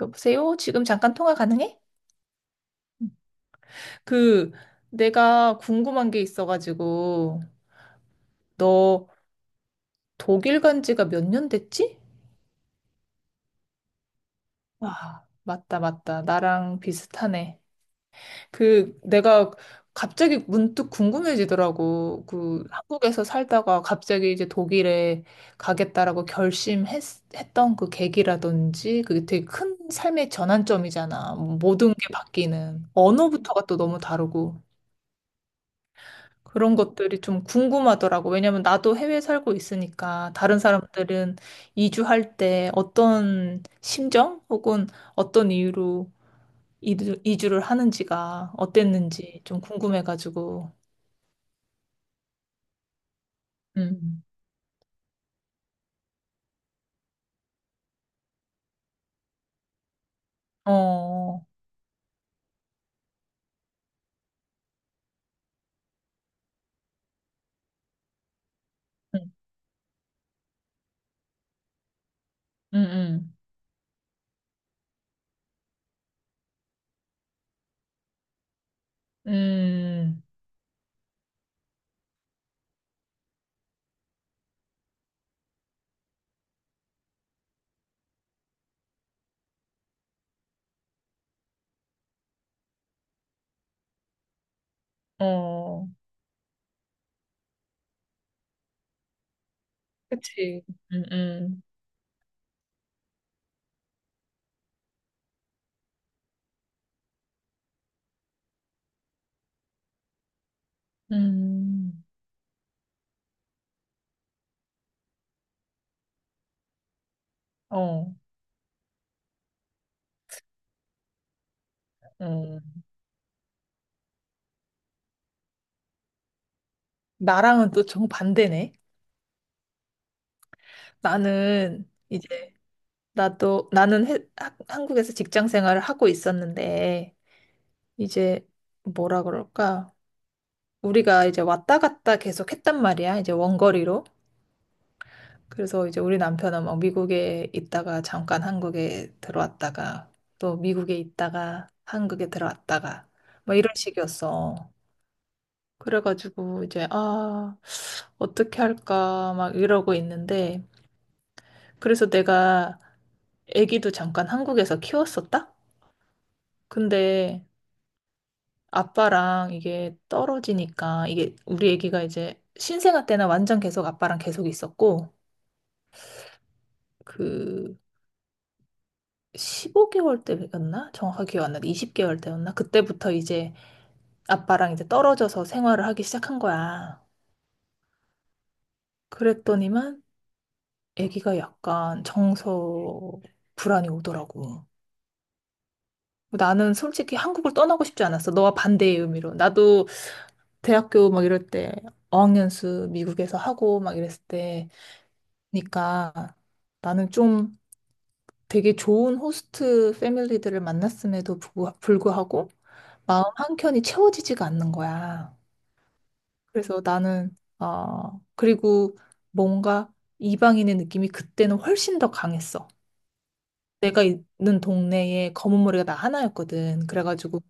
여보세요? 지금 잠깐 통화 가능해? 응. 그, 내가 궁금한 게 있어가지고, 너 독일 간 지가 몇 년 됐지? 와, 맞다, 맞다. 나랑 비슷하네. 내가 갑자기 문득 궁금해지더라고. 한국에서 살다가 갑자기 이제 독일에 가겠다라고 결심했던 그 계기라든지, 그게 되게 큰 삶의 전환점이잖아. 모든 게 바뀌는. 언어부터가 또 너무 다르고. 그런 것들이 좀 궁금하더라고. 왜냐면 나도 해외에 살고 있으니까 다른 사람들은 이주할 때 어떤 심정 혹은 어떤 이유로 이주를 하는지가 어땠는지 좀 궁금해가지고. 음. 어. 음. 음. 음. 음. 어. 그치. 음. 음. 음. 어. 음. 나랑은 또 정반대네. 나는 이제 나도 나는 해- 하- 한국에서 직장 생활을 하고 있었는데 이제 뭐라 그럴까? 우리가 이제 왔다 갔다 계속 했단 말이야. 이제 원거리로. 그래서 이제 우리 남편은 막 미국에 있다가 잠깐 한국에 들어왔다가 또 미국에 있다가 한국에 들어왔다가 뭐 이런 식이었어. 그래가지고 이제 아 어떻게 할까 막 이러고 있는데 그래서 내가 아기도 잠깐 한국에서 키웠었다. 근데 아빠랑 이게 떨어지니까 이게 우리 애기가 이제 신생아 때는 완전 계속 아빠랑 계속 있었고 그 15개월 때였나? 정확하게 기억 안 나는데 20개월 때였나? 그때부터 이제 아빠랑 이제 떨어져서 생활을 하기 시작한 거야. 그랬더니만 애기가 약간 정서 불안이 오더라고. 나는 솔직히 한국을 떠나고 싶지 않았어. 너와 반대의 의미로. 나도 대학교 막 이럴 때 어학연수 미국에서 하고 막 이랬을 때 그러니까 나는 좀 되게 좋은 호스트 패밀리들을 만났음에도 불구하고 마음 한켠이 채워지지가 않는 거야. 그래서 나는 어 그리고 뭔가 이방인의 느낌이 그때는 훨씬 더 강했어. 내가 있는 동네에 검은 머리가 나 하나였거든. 그래가지고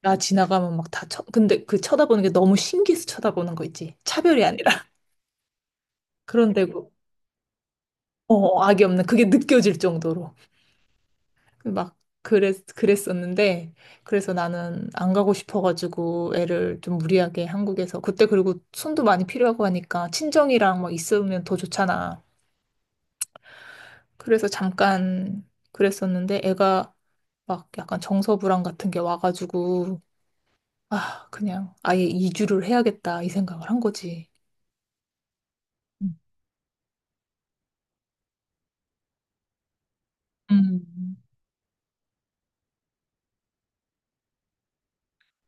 나 지나가면 막 다 쳐. 근데 그 쳐다보는 게 너무 신기해서 쳐다보는 거 있지. 차별이 아니라. 그런데고 악이 없는 그게 느껴질 정도로. 그막 그랬었는데 그래서 나는 안 가고 싶어가지고 애를 좀 무리하게 한국에서 그때 그리고 손도 많이 필요하고 하니까 친정이랑 막 있으면 더 좋잖아. 그래서 잠깐 그랬었는데 애가 막 약간 정서 불안 같은 게 와가지고 아 그냥 아예 이주를 해야겠다 이 생각을 한 거지. 음. 음.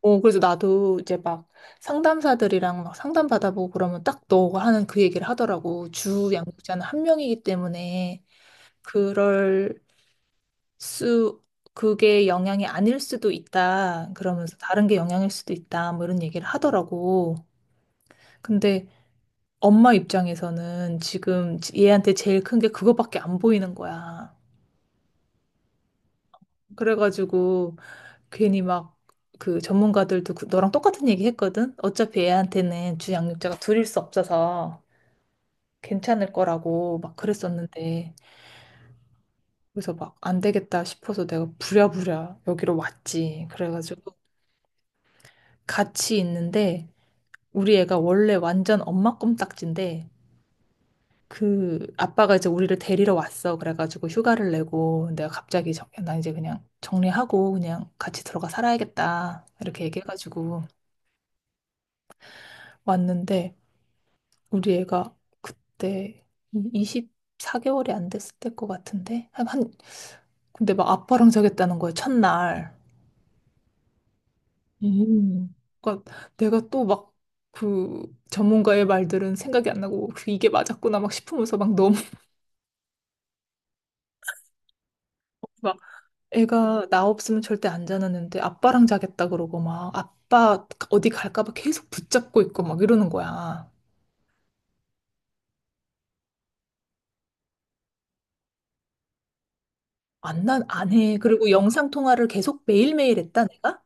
어, 그래서 나도 이제 막 상담사들이랑 막 상담 받아보고 그러면 딱 너가 하는 그 얘기를 하더라고. 주 양육자는 한 명이기 때문에 그럴 수, 그게 영향이 아닐 수도 있다. 그러면서 다른 게 영향일 수도 있다. 뭐 이런 얘기를 하더라고. 근데 엄마 입장에서는 지금 얘한테 제일 큰 게 그거밖에 안 보이는 거야. 그래가지고 괜히 막 그 전문가들도 너랑 똑같은 얘기 했거든? 어차피 애한테는 주양육자가 둘일 수 없어서 괜찮을 거라고 막 그랬었는데. 그래서 막 안 되겠다 싶어서 내가 부랴부랴 여기로 왔지. 그래가지고 같이 있는데 우리 애가 원래 완전 엄마 껌딱지인데 그 아빠가 이제 우리를 데리러 왔어. 그래가지고 휴가를 내고 내가 갑자기 나 이제 그냥 정리하고 그냥 같이 들어가 살아야겠다. 이렇게 얘기해가지고 왔는데 우리 애가 그때 24개월이 안 됐을 때일 것 같은데 근데 막 아빠랑 자겠다는 거야 첫날. 음. 그러니까 내가 또 막 그 전문가의 말들은 생각이 안 나고 그 이게 맞았구나 막 싶으면서 막 애가 나 없으면 절대 안 자는데 아빠랑 자겠다 그러고 막 아빠 어디 갈까 봐 계속 붙잡고 있고 막 이러는 거야. 안, 난 안 해. 그리고 영상 통화를 계속 매일매일 했다 내가?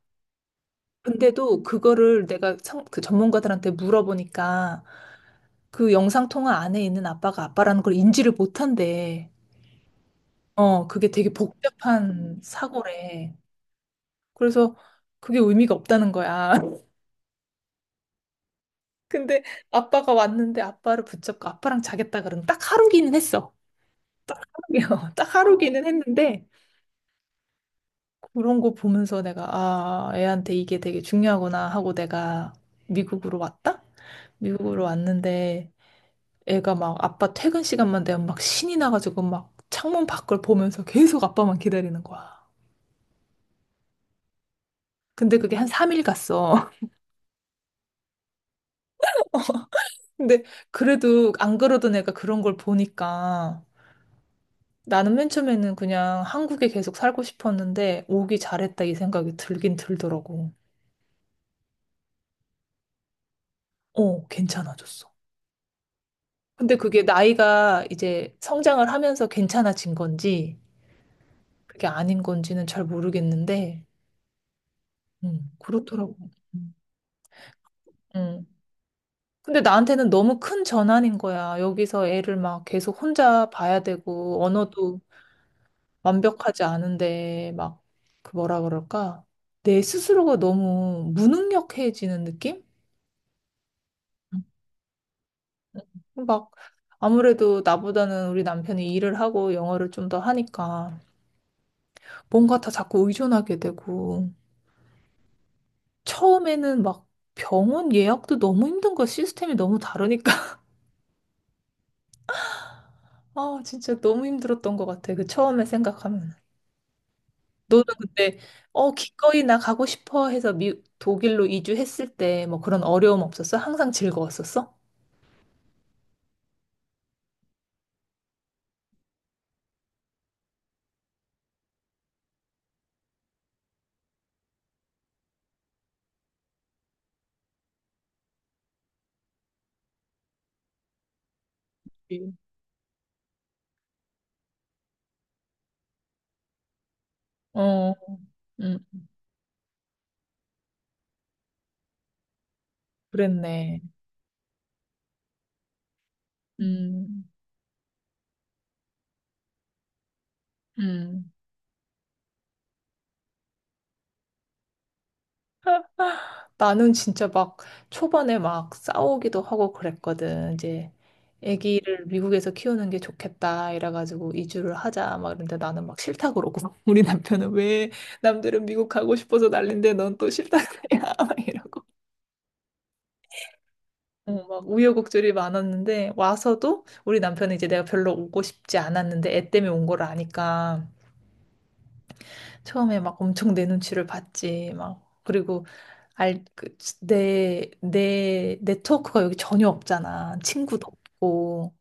근데도 그거를 내가 그 전문가들한테 물어보니까 그 영상 통화 안에 있는 아빠가 아빠라는 걸 인지를 못한대. 어, 그게 되게 복잡한 사고래. 그래서 그게 의미가 없다는 거야. 근데 아빠가 왔는데 아빠를 붙잡고 아빠랑 자겠다 그러면 딱 하루기는 했어. 딱 하루기는 했는데 그런 거 보면서 내가 아, 애한테 이게 되게 중요하구나 하고 내가 미국으로 왔다? 미국으로 왔는데 애가 막 아빠 퇴근 시간만 되면 막 신이 나가지고 막 창문 밖을 보면서 계속 아빠만 기다리는 거야. 근데 그게 한 3일 갔어. 근데 그래도 안 그러던 애가 그런 걸 보니까 나는 맨 처음에는 그냥 한국에 계속 살고 싶었는데 오기 잘했다 이 생각이 들긴 들더라고. 어, 괜찮아졌어. 근데 그게 나이가 이제 성장을 하면서 괜찮아진 건지, 그게 아닌 건지는 잘 모르겠는데, 그렇더라고. 음. 음. 근데 나한테는 너무 큰 전환인 거야. 여기서 애를 막 계속 혼자 봐야 되고, 언어도 완벽하지 않은데, 막, 그 뭐라 그럴까? 내 스스로가 너무 무능력해지는 느낌? 음. 음. 막, 아무래도 나보다는 우리 남편이 일을 하고 영어를 좀 더 하니까, 뭔가 다 자꾸 의존하게 되고, 처음에는 막 병원 예약도 너무 힘든 거 시스템이 너무 다르니까 아 진짜 너무 힘들었던 것 같아 그 처음에 생각하면 너는 그때 어 기꺼이 나 가고 싶어 해서 독일로 이주했을 때 뭐 그런 어려움 없었어? 항상 즐거웠었어? 예. 어, 음, 그랬네. 음, 음. 나는 진짜 막 초반에 막 싸우기도 하고 그랬거든. 이제 아기를 미국에서 키우는 게 좋겠다 이래가지고 이주를 하자 막 이런데 나는 막 싫다 그러고 우리 남편은 왜 남들은 미국 가고 싶어서 난린데 넌 또 싫다 그래야 막 이러고 어, 막 우여곡절이 많았는데 와서도 우리 남편은 이제 내가 별로 오고 싶지 않았는데 애 때문에 온 걸 아니까 처음에 막 엄청 내 눈치를 봤지 막 그리고 알, 그, 내, 내, 네트워크가 여기 전혀 없잖아. 친구도 없고.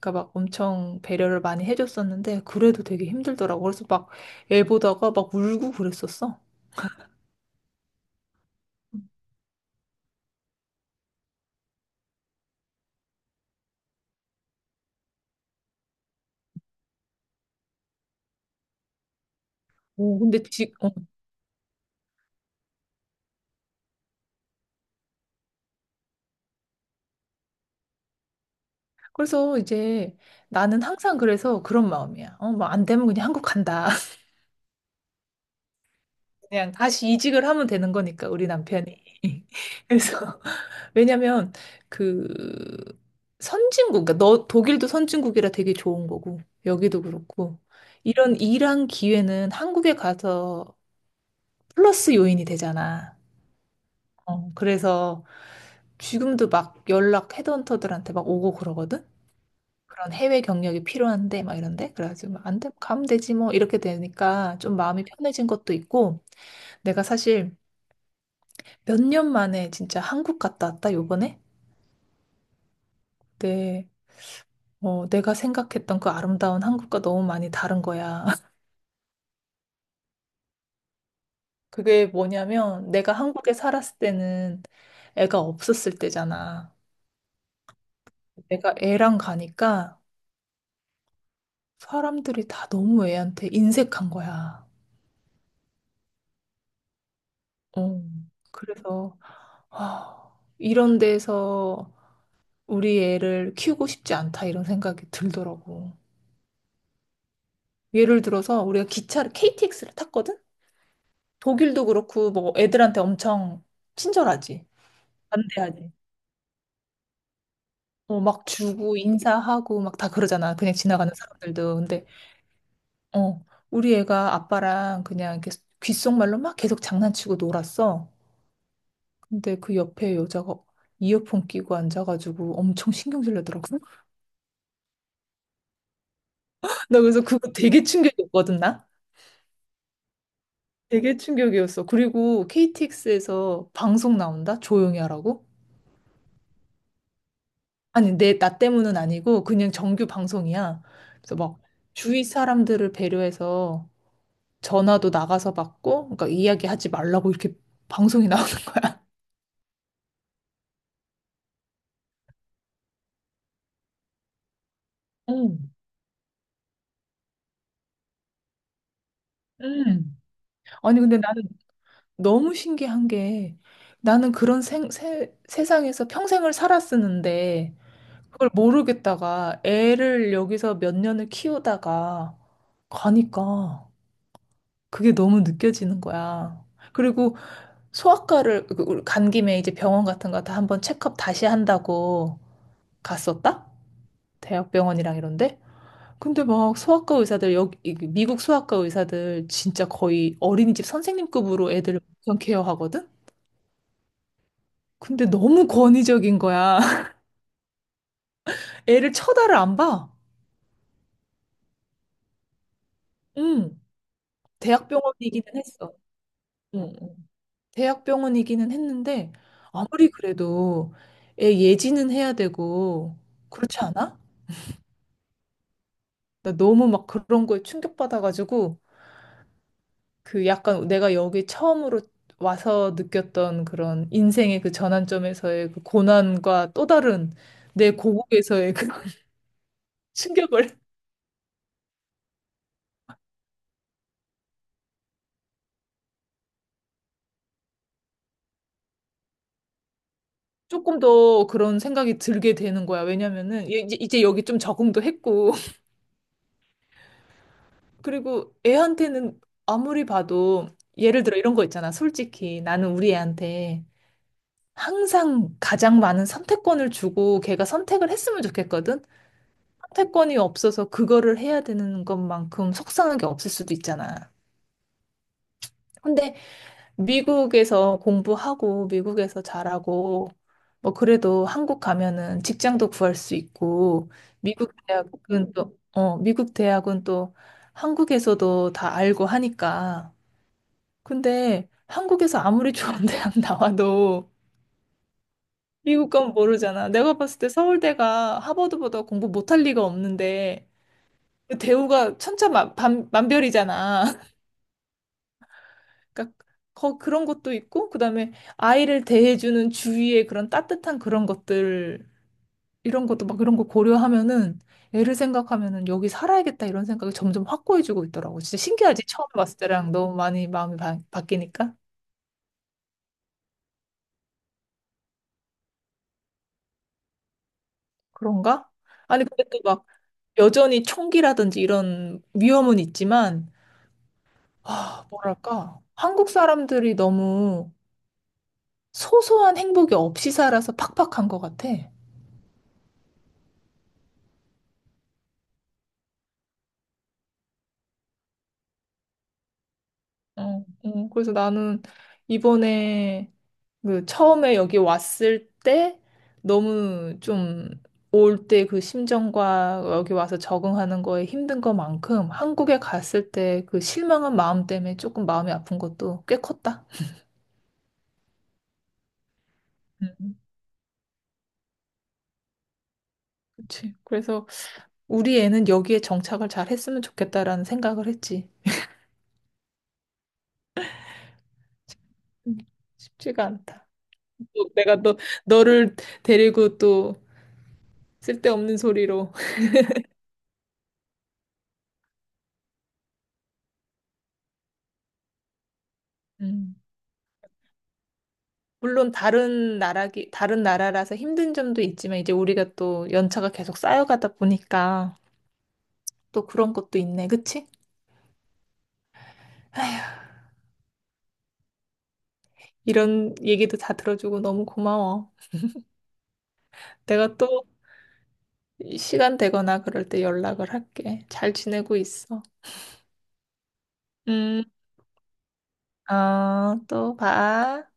그러니까 막 엄청 배려를 많이 해줬었는데, 그래도 되게 힘들더라고. 그래서 막 애 보다가 막 울고 그랬었어. 오, 근데 어. 그래서 이제 나는 항상 그래서 그런 마음이야. 어, 뭐 안 되면 그냥 한국 간다. 그냥 다시 이직을 하면 되는 거니까, 우리 남편이. 그래서, 왜냐면, 그, 선진국, 그러니까 너, 독일도 선진국이라 되게 좋은 거고, 여기도 그렇고, 이런 일한 기회는 한국에 가서 플러스 요인이 되잖아. 어, 그래서 지금도 막 연락 헤드헌터들한테 막 오고 그러거든? 그런 해외 경력이 필요한데, 막 이런데? 그래가지고, 안 돼, 가면 되지 뭐, 이렇게 되니까 좀 마음이 편해진 것도 있고, 내가 사실 몇 년 만에 진짜 한국 갔다 왔다, 요번에? 네. 어, 내가 생각했던 그 아름다운 한국과 너무 많이 다른 거야. 그게 뭐냐면, 내가 한국에 살았을 때는 애가 없었을 때잖아. 내가 애랑 가니까 사람들이 다 너무 애한테 인색한 거야. 어, 그래서, 아, 이런 데서 우리 애를 키우고 싶지 않다, 이런 생각이 들더라고. 예를 들어서, 우리가 기차를, KTX를 탔거든? 독일도 그렇고 뭐 애들한테 엄청 친절하지. 반대하지. 어, 막 주고 인사하고 막 다 그러잖아. 그냥 지나가는 사람들도. 근데 어, 우리 애가 아빠랑 그냥 이렇게 귓속말로 막 계속 장난치고 놀았어. 근데 그 옆에 여자가 이어폰 끼고 앉아가지고 엄청 신경질 내더라고. 나 그래서 그거 되게 충격이었거든, 나. 되게 충격이었어. 그리고 KTX에서 방송 나온다? 조용히 하라고? 아니, 나 때문은 아니고 그냥 정규 방송이야. 그래서 막 주위 사람들을 배려해서 전화도 나가서 받고, 그러니까 이야기하지 말라고 이렇게 방송이 나오는 거야. 음. 음. 아니, 근데 나는 너무 신기한 게 나는 그런 세상에서 평생을 살았었는데 그걸 모르겠다가 애를 여기서 몇 년을 키우다가 가니까 그게 너무 느껴지는 거야. 그리고 소아과를 간 김에 이제 병원 같은 거 다 한번 체크업 다시 한다고 갔었다? 대학병원이랑 이런데? 근데 막 소아과 의사들, 미국 소아과 의사들 진짜 거의 어린이집 선생님급으로 애들 엄청 케어하거든? 근데 너무 권위적인 거야. 애를 쳐다를 안 봐. 응. 대학병원이기는 했어. 응. 응. 대학병원이기는 했는데, 아무리 그래도 애 예지는 해야 되고, 그렇지 않아? 나 너무 막 그런 거에 충격받아가지고, 그 약간 내가 여기 처음으로 와서 느꼈던 그런 인생의 그 전환점에서의 그 고난과 또 다른 내 고국에서의 그 충격을 조금 더 그런 생각이 들게 되는 거야. 왜냐면은 얘 이제 여기 좀 적응도 했고 그리고 애한테는 아무리 봐도 예를 들어 이런 거 있잖아. 솔직히 나는 우리 애한테 항상 가장 많은 선택권을 주고 걔가 선택을 했으면 좋겠거든. 선택권이 없어서 그거를 해야 되는 것만큼 속상한 게 없을 수도 있잖아. 근데 미국에서 공부하고 미국에서 잘하고 뭐 그래도 한국 가면은 직장도 구할 수 있고 미국 대학은 또 미국 대학은 또 한국에서도 다 알고 하니까 근데 한국에서 아무리 좋은 대학 나와도 미국 건 모르잖아. 내가 봤을 때 서울대가 하버드보다 공부 못할 리가 없는데 그 대우가 천차만별이잖아. 그러니까 그런 것도 있고 그다음에 아이를 대해주는 주위의 그런 따뜻한 그런 것들 이런 것도 막 이런 거 고려하면은 애를 생각하면은 여기 살아야겠다 이런 생각이 점점 확고해지고 있더라고. 진짜 신기하지? 처음 봤을 때랑 너무 많이 마음이 바뀌니까 그런가? 아니 근데 또 막 여전히 총기라든지 이런 위험은 있지만 아 뭐랄까 한국 사람들이 너무 소소한 행복이 없이 살아서 팍팍한 것 같아. 어, 어, 그래서 나는 이번에 그 처음에 여기 왔을 때 너무 좀 올 때 그 심정과 여기 와서 적응하는 거에 힘든 것만큼 한국에 갔을 때 그 실망한 마음 때문에 조금 마음이 아픈 것도 꽤 컸다. 음, 그치. 그래서 우리 애는 여기에 정착을 잘 했으면 좋겠다라는 생각을 했지. 음, 쉽지가 않다. 또 내가 너, 너를 데리고 또 쓸데없는 소리로. 음. 물론 다른 나라라서 힘든 점도 있지만 이제 우리가 또 연차가 계속 쌓여가다 보니까 또 그런 것도 있네. 그치? 이런 얘기도 다 들어주고 너무 고마워. 내가 또 시간 되거나 그럴 때 연락을 할게. 잘 지내고 있어. 음, 어, 또 봐.